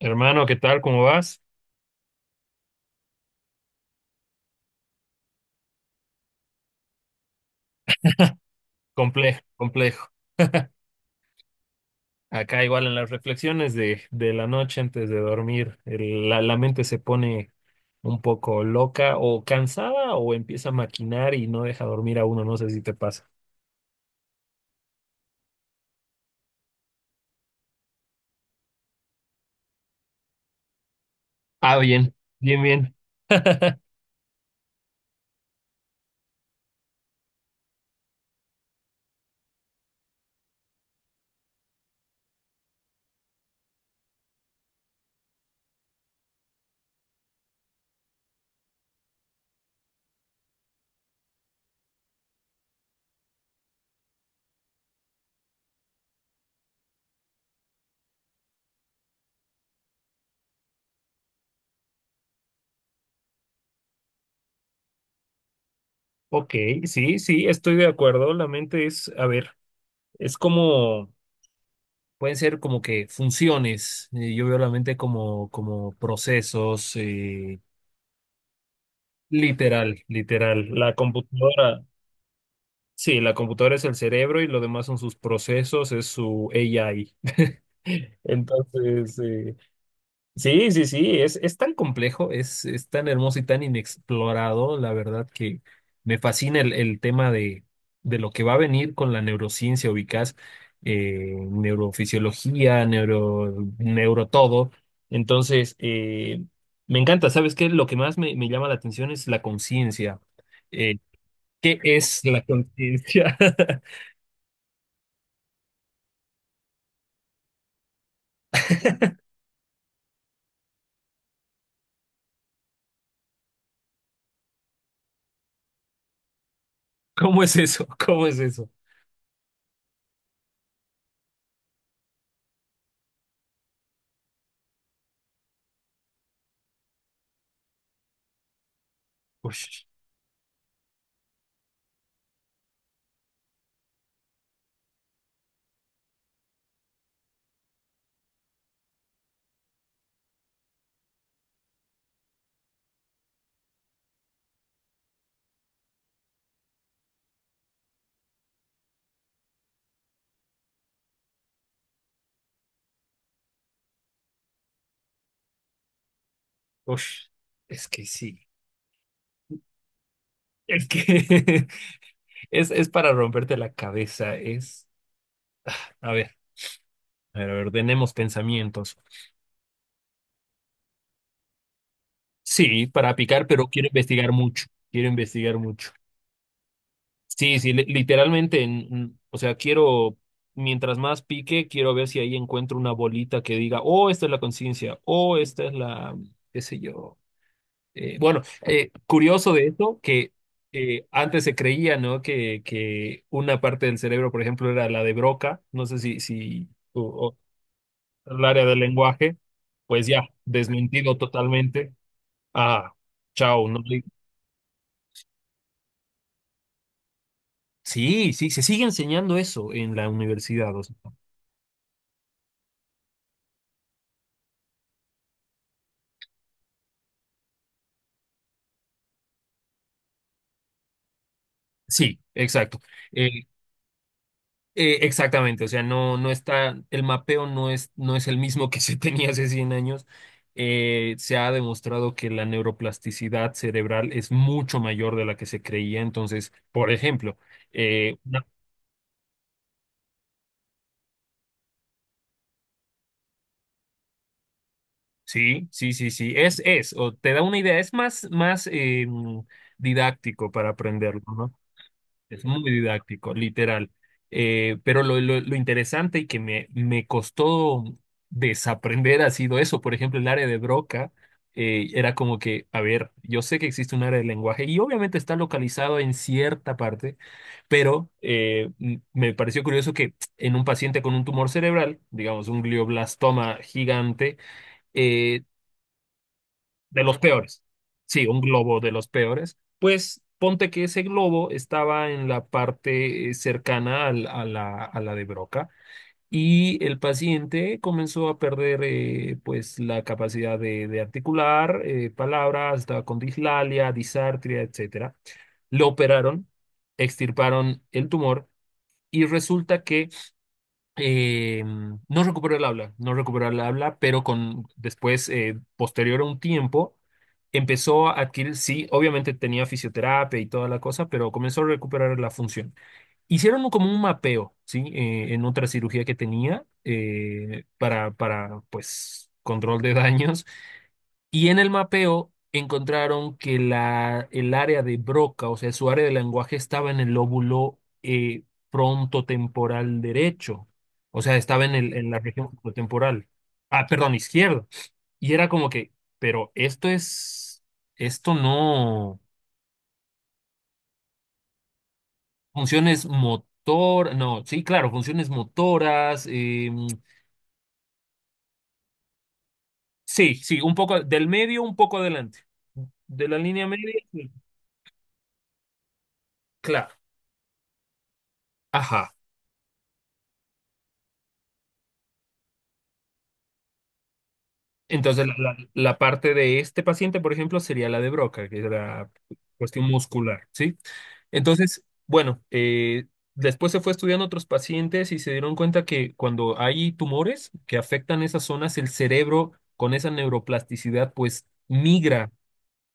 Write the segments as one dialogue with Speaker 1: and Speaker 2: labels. Speaker 1: Hermano, ¿qué tal? ¿Cómo vas? Complejo, complejo. Acá igual en las reflexiones de la noche antes de dormir, la mente se pone un poco loca o cansada o empieza a maquinar y no deja dormir a uno, no sé si te pasa. Ah, bien, bien, bien. Ok, sí, sí, estoy de acuerdo. La mente es, a ver, es como, pueden ser como que funciones. Yo veo la mente como, como procesos, literal, literal. La computadora. Sí, la computadora es el cerebro y lo demás son sus procesos, es su AI. Entonces, sí, sí, sí, es tan complejo, es tan hermoso y tan inexplorado, la verdad que me fascina el tema de lo que va a venir con la neurociencia, ubicás, neurofisiología, neuro, neuro todo. Entonces, me encanta, ¿sabes qué? Lo que más me llama la atención es la conciencia. Eh, ¿Qué es la conciencia? ¿Cómo es eso? ¿Cómo es eso? Ush, ush, es que sí. Es que es para romperte la cabeza. Es, a ver, a ver, a ver, tenemos pensamientos. Sí, para picar, pero quiero investigar mucho. Quiero investigar mucho. Sí, sí, literalmente, o sea, quiero, mientras más pique, quiero ver si ahí encuentro una bolita que diga, oh, esta es la conciencia, oh, esta es la, qué sé yo. Bueno, curioso de eso que antes se creía, ¿no? Que una parte del cerebro, por ejemplo, era la de Broca, no sé si o el área del lenguaje, pues ya, desmentido totalmente. Ah, chao, no. Sí, sí, se sigue enseñando eso en la universidad, o sea. Sí, exacto. Eh, exactamente, o sea, no, no está, el mapeo no es, no es el mismo que se tenía hace 100 años. Se ha demostrado que la neuroplasticidad cerebral es mucho mayor de la que se creía. Entonces, por ejemplo, eh, una- sí, sí, sí, sí, es, o te da una idea, es más, más didáctico para aprenderlo, ¿no? Es muy didáctico, literal. Pero lo, lo interesante y que me costó desaprender ha sido eso. Por ejemplo, el área de Broca era como que, a ver, yo sé que existe un área de lenguaje y obviamente está localizado en cierta parte, pero me pareció curioso que en un paciente con un tumor cerebral, digamos un glioblastoma gigante, eh, de los peores. Sí, un globo de los peores. Pues ponte que ese globo estaba en la parte cercana a la de Broca y el paciente comenzó a perder pues la capacidad de articular palabras, estaba con dislalia, disartria, etcétera. Lo operaron, extirparon el tumor y resulta que eh, no recuperó el habla, no recuperó el habla, pero con después, posterior a un tiempo, empezó a adquirir, sí, obviamente tenía fisioterapia y toda la cosa, pero comenzó a recuperar la función. Como un mapeo, ¿sí? En otra cirugía que tenía para, pues, control de daños y en el mapeo encontraron que el área de Broca, o sea, su área de lenguaje estaba en el lóbulo frontotemporal derecho, o sea, estaba en el, en la región frontotemporal, ah, perdón, izquierda. Y era como que, pero esto es, esto no, funciones motor, no, sí, claro, funciones motoras, sí, sí, un poco del medio, un poco adelante, de la línea media, sí, claro, ajá. Entonces, la parte de este paciente, por ejemplo, sería la de Broca, que es la cuestión muscular, ¿sí? Entonces, bueno, después se fue estudiando otros pacientes y se dieron cuenta que cuando hay tumores que afectan esas zonas, el cerebro con esa neuroplasticidad, pues migra.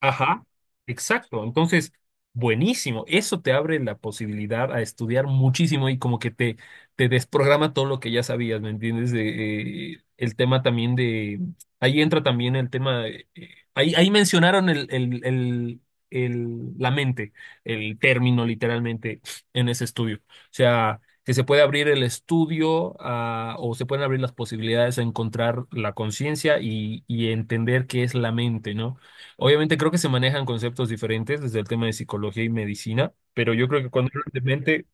Speaker 1: Ajá, exacto. Entonces, buenísimo. Eso te abre la posibilidad a estudiar muchísimo y como que te desprograma todo lo que ya sabías, ¿me entiendes? De, el tema también de... Ahí entra también el tema de... ahí, ahí mencionaron la mente, el término literalmente en ese estudio. O sea, que se puede abrir el estudio o se pueden abrir las posibilidades a encontrar la conciencia y entender qué es la mente, ¿no? Obviamente creo que se manejan conceptos diferentes desde el tema de psicología y medicina, pero yo creo que cuando hablan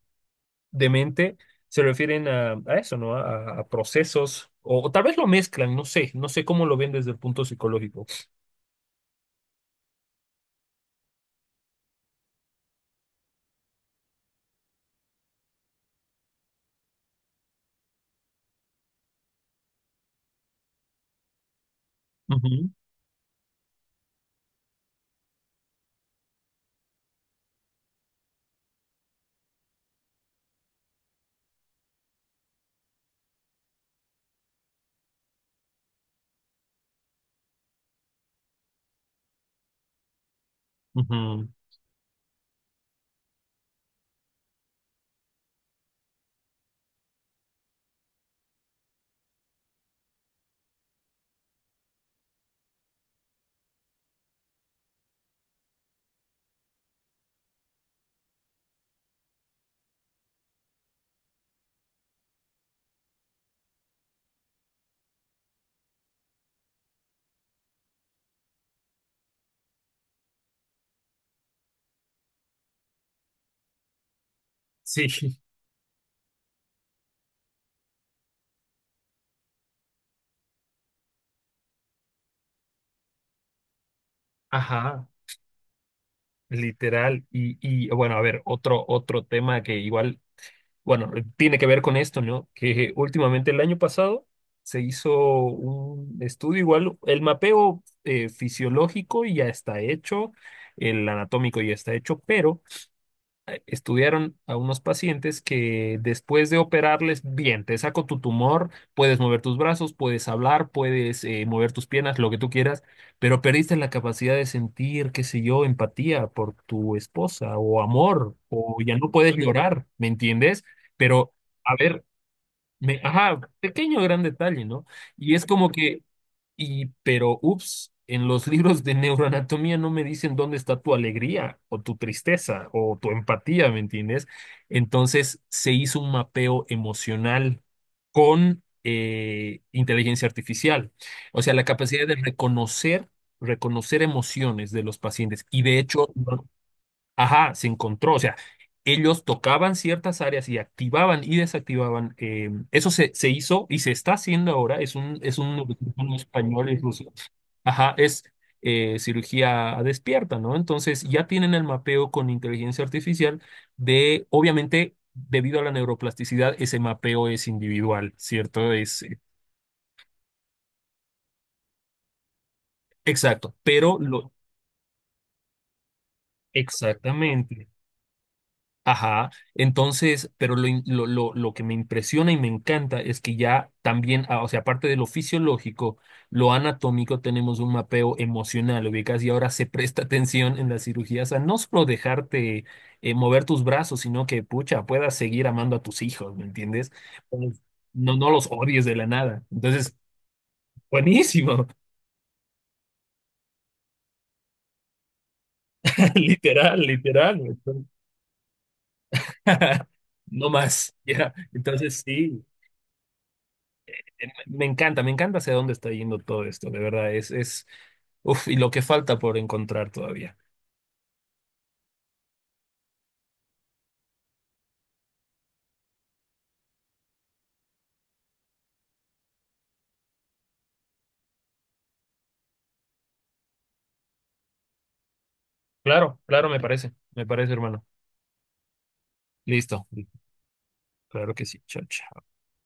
Speaker 1: de mente se refieren a eso, ¿no? A procesos, o tal vez lo mezclan, no sé, no sé cómo lo ven desde el punto psicológico. Ujú, ujú. Sí, ajá, literal. Y bueno, a ver, otro, otro tema que igual bueno, tiene que ver con esto, ¿no? Que últimamente el año pasado se hizo un estudio igual, el mapeo fisiológico ya está hecho, el anatómico ya está hecho, pero estudiaron a unos pacientes que después de operarles, bien, te saco tu tumor, puedes mover tus brazos, puedes hablar, puedes mover tus piernas, lo que tú quieras, pero perdiste la capacidad de sentir, qué sé yo, empatía por tu esposa o amor, o ya no puedes llorar, ¿me entiendes? Pero, a ver, me, ajá, pequeño gran detalle, ¿no? Y es como que y, pero, ups, en los libros de neuroanatomía no me dicen dónde está tu alegría o tu tristeza o tu empatía, ¿me entiendes? Entonces se hizo un mapeo emocional con inteligencia artificial. O sea, la capacidad de reconocer, reconocer emociones de los pacientes. Y de hecho, no. Ajá, se encontró, o sea, ellos tocaban ciertas áreas y activaban y desactivaban. Eso se, se hizo y se está haciendo ahora. Es un español incluso. Ajá, es cirugía despierta, ¿no? Entonces ya tienen el mapeo con inteligencia artificial de, obviamente, debido a la neuroplasticidad, ese mapeo es individual, ¿cierto? Es exacto, pero lo... Exactamente. Ajá, entonces, pero lo, lo que me impresiona y me encanta es que ya también, ah, o sea, aparte de lo fisiológico, lo anatómico, tenemos un mapeo emocional, ubicas, y ahora se presta atención en las cirugías a no solo dejarte mover tus brazos, sino que, pucha, puedas seguir amando a tus hijos, ¿me entiendes? Pues, no, no los odies de la nada. Entonces, buenísimo, literal, literal, güey. No más, ya. Entonces, sí. Me encanta hacia dónde está yendo todo esto, de verdad, es, uf, y lo que falta por encontrar todavía. Claro, claro, me parece, hermano. Listo, claro que sí, chao, chao.